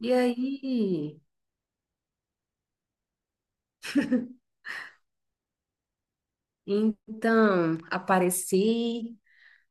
E aí? Então, apareci,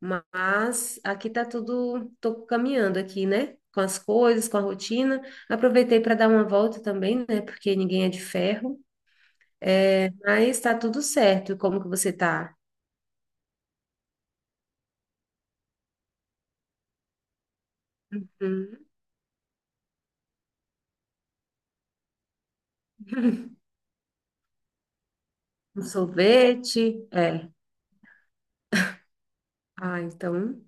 mas aqui tá tudo, tô caminhando aqui, né? Com as coisas, com a rotina. Aproveitei para dar uma volta também, né? Porque ninguém é de ferro. É, mas tá tudo certo. E como que você tá? Hum, um sorvete? É. Ah, então.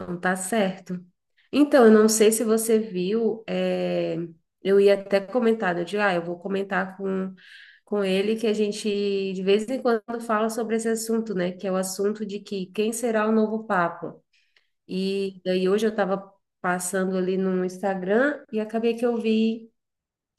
Não tá certo. Então, eu não sei se você viu, é, eu ia até comentar, né, eu digo, ah, eu vou comentar com ele que a gente de vez em quando fala sobre esse assunto, né? Que é o assunto de que quem será o novo Papa? E daí hoje eu estava passando ali no Instagram e acabei que eu vi,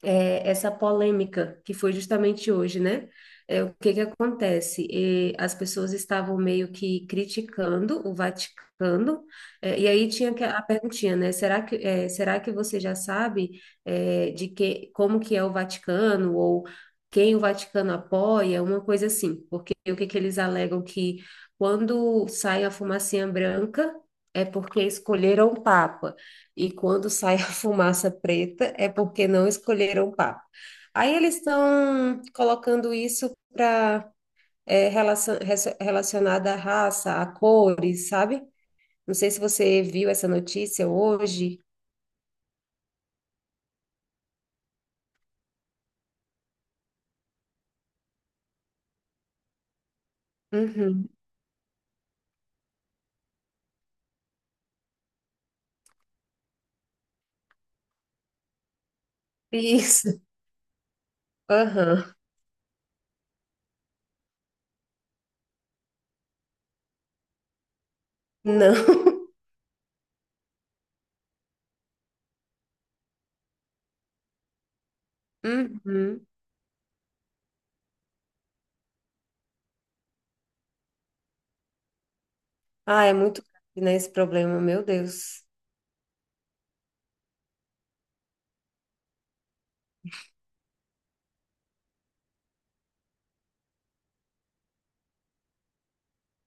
é, essa polêmica que foi justamente hoje, né? É, o que que acontece? E as pessoas estavam meio que criticando o Vaticano, é, e aí a perguntinha, né? Será que, é, será que você já sabe, é, de que, como que é o Vaticano ou quem o Vaticano apoia, uma coisa assim? Porque o que que eles alegam que quando sai a fumacinha branca é porque escolheram o Papa e quando sai a fumaça preta é porque não escolheram papo. Aí eles estão colocando isso para relacionada à raça, a cores, sabe? Não sei se você viu essa notícia hoje. Uhum. Isso. Aham. Não. Uhum. Ah, é muito grave, né, esse problema, meu Deus.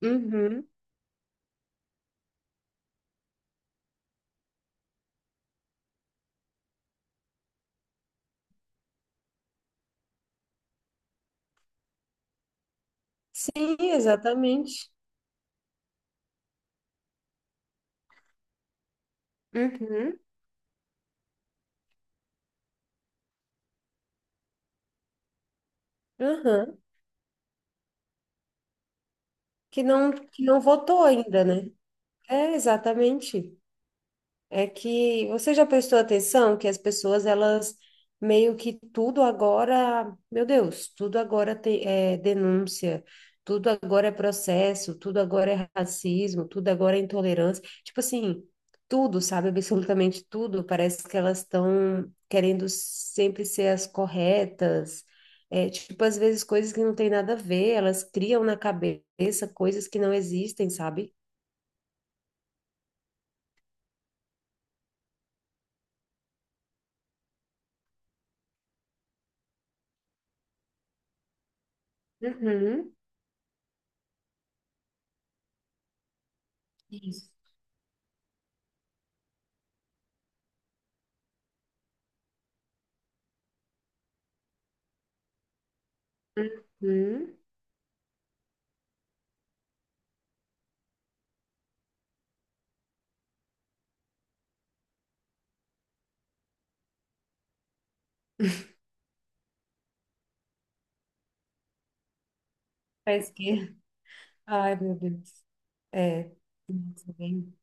Uhum. Sim, exatamente. Uhum. Aham. Que não votou ainda, né? É, exatamente. É que você já prestou atenção que as pessoas, elas meio que tudo agora, meu Deus, tudo agora tem, é denúncia, tudo agora é processo, tudo agora é racismo, tudo agora é intolerância. Tipo assim, tudo, sabe? Absolutamente tudo. Parece que elas estão querendo sempre ser as corretas. É, tipo, às vezes coisas que não tem nada a ver, elas criam na cabeça coisas que não existem, sabe? Uhum. Isso. Uhum. Faz o quê? Ai, meu Deus. É. Nossa, bem.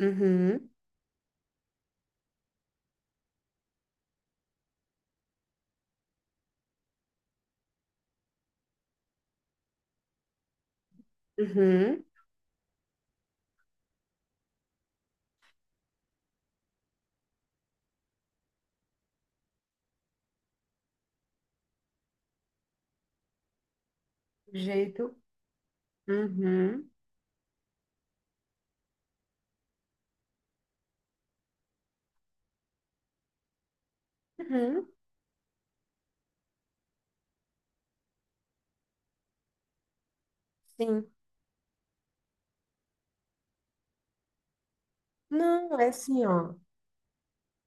Uhum. Uhum. Jeito. Uhum. Uhum. Sim. Não, é assim, ó.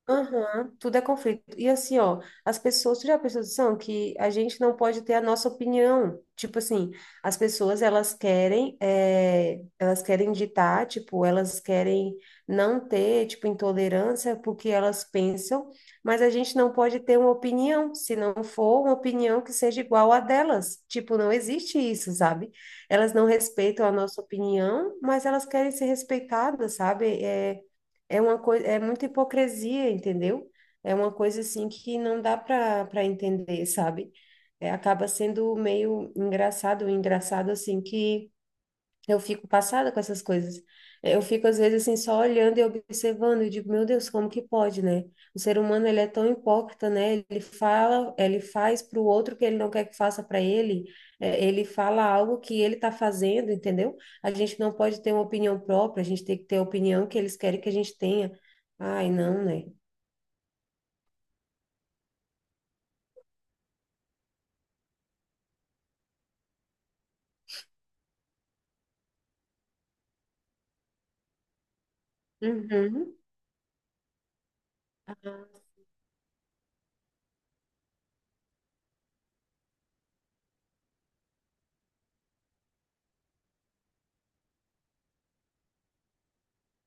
Aham, tudo é conflito. E assim, ó, as pessoas, tu já prestou atenção que a gente não pode ter a nossa opinião. Tipo assim, as pessoas, elas querem, é elas querem ditar, tipo, elas querem não ter, tipo, intolerância porque elas pensam, mas a gente não pode ter uma opinião, se não for uma opinião que seja igual à delas. Tipo, não existe isso, sabe? Elas não respeitam a nossa opinião, mas elas querem ser respeitadas, sabe? É, é uma coisa, é muita hipocrisia, entendeu? É uma coisa assim que não dá para entender, sabe? É, acaba sendo meio engraçado, engraçado assim que eu fico passada com essas coisas. Eu fico, às vezes, assim, só olhando e observando. Eu digo, meu Deus, como que pode, né? O ser humano, ele é tão hipócrita, né? Ele fala, ele faz para o outro o que ele não quer que faça para ele. É, ele fala algo que ele está fazendo, entendeu? A gente não pode ter uma opinião própria, a gente tem que ter a opinião que eles querem que a gente tenha. Ai, não, né? Uhum,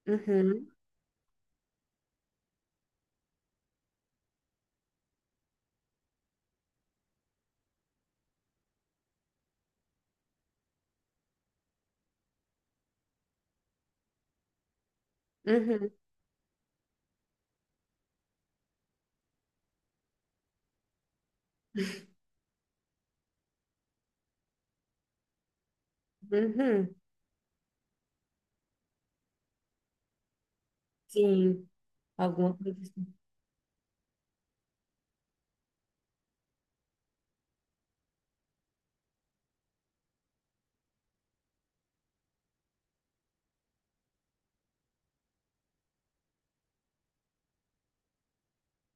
uhum, uhum, uhum. Sim, alguma coisa assim.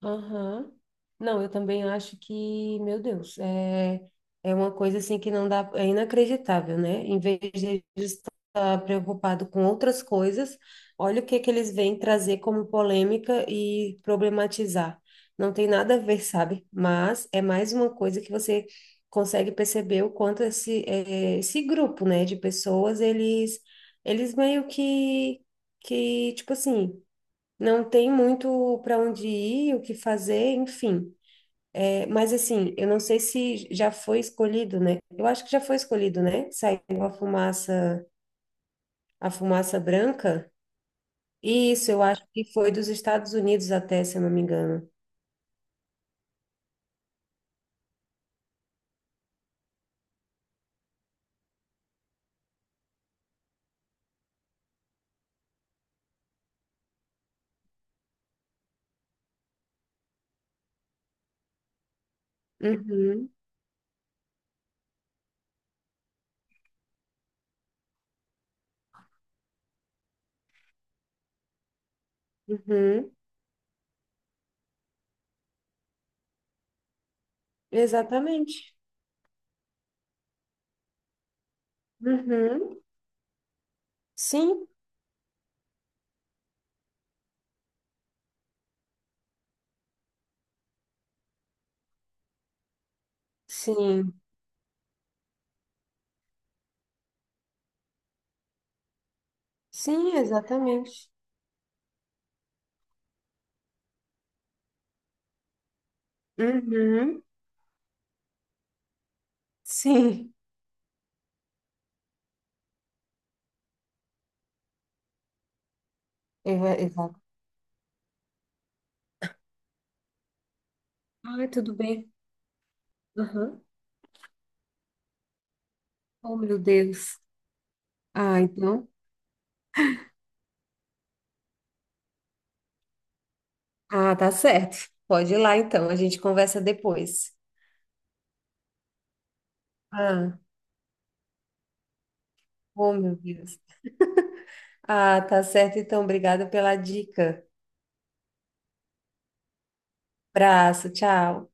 Aham. Não, eu também acho que, meu Deus, é, é uma coisa assim que não dá, é inacreditável, né? Em vez de eles estar preocupado com outras coisas, olha o que é que eles vêm trazer como polêmica e problematizar. Não tem nada a ver, sabe? Mas é mais uma coisa que você consegue perceber o quanto esse, é, esse grupo, né, de pessoas, eles meio que, tipo assim, não tem muito para onde ir, o que fazer, enfim. É, mas assim, eu não sei se já foi escolhido, né? Eu acho que já foi escolhido, né? Saiu a fumaça branca. Isso, eu acho que foi dos Estados Unidos até, se eu não me engano. Uhum, uhum, exatamente. Uhum, sim, sim, sim, exatamente. Uhum, sim, eu- exato. Ai, tudo bem. Uhum. Oh, meu Deus. Ah, então. Ah, tá certo. Pode ir lá então, a gente conversa depois. Ah, oh meu Deus. Ah, tá certo então, obrigada pela dica. Abraço, tchau.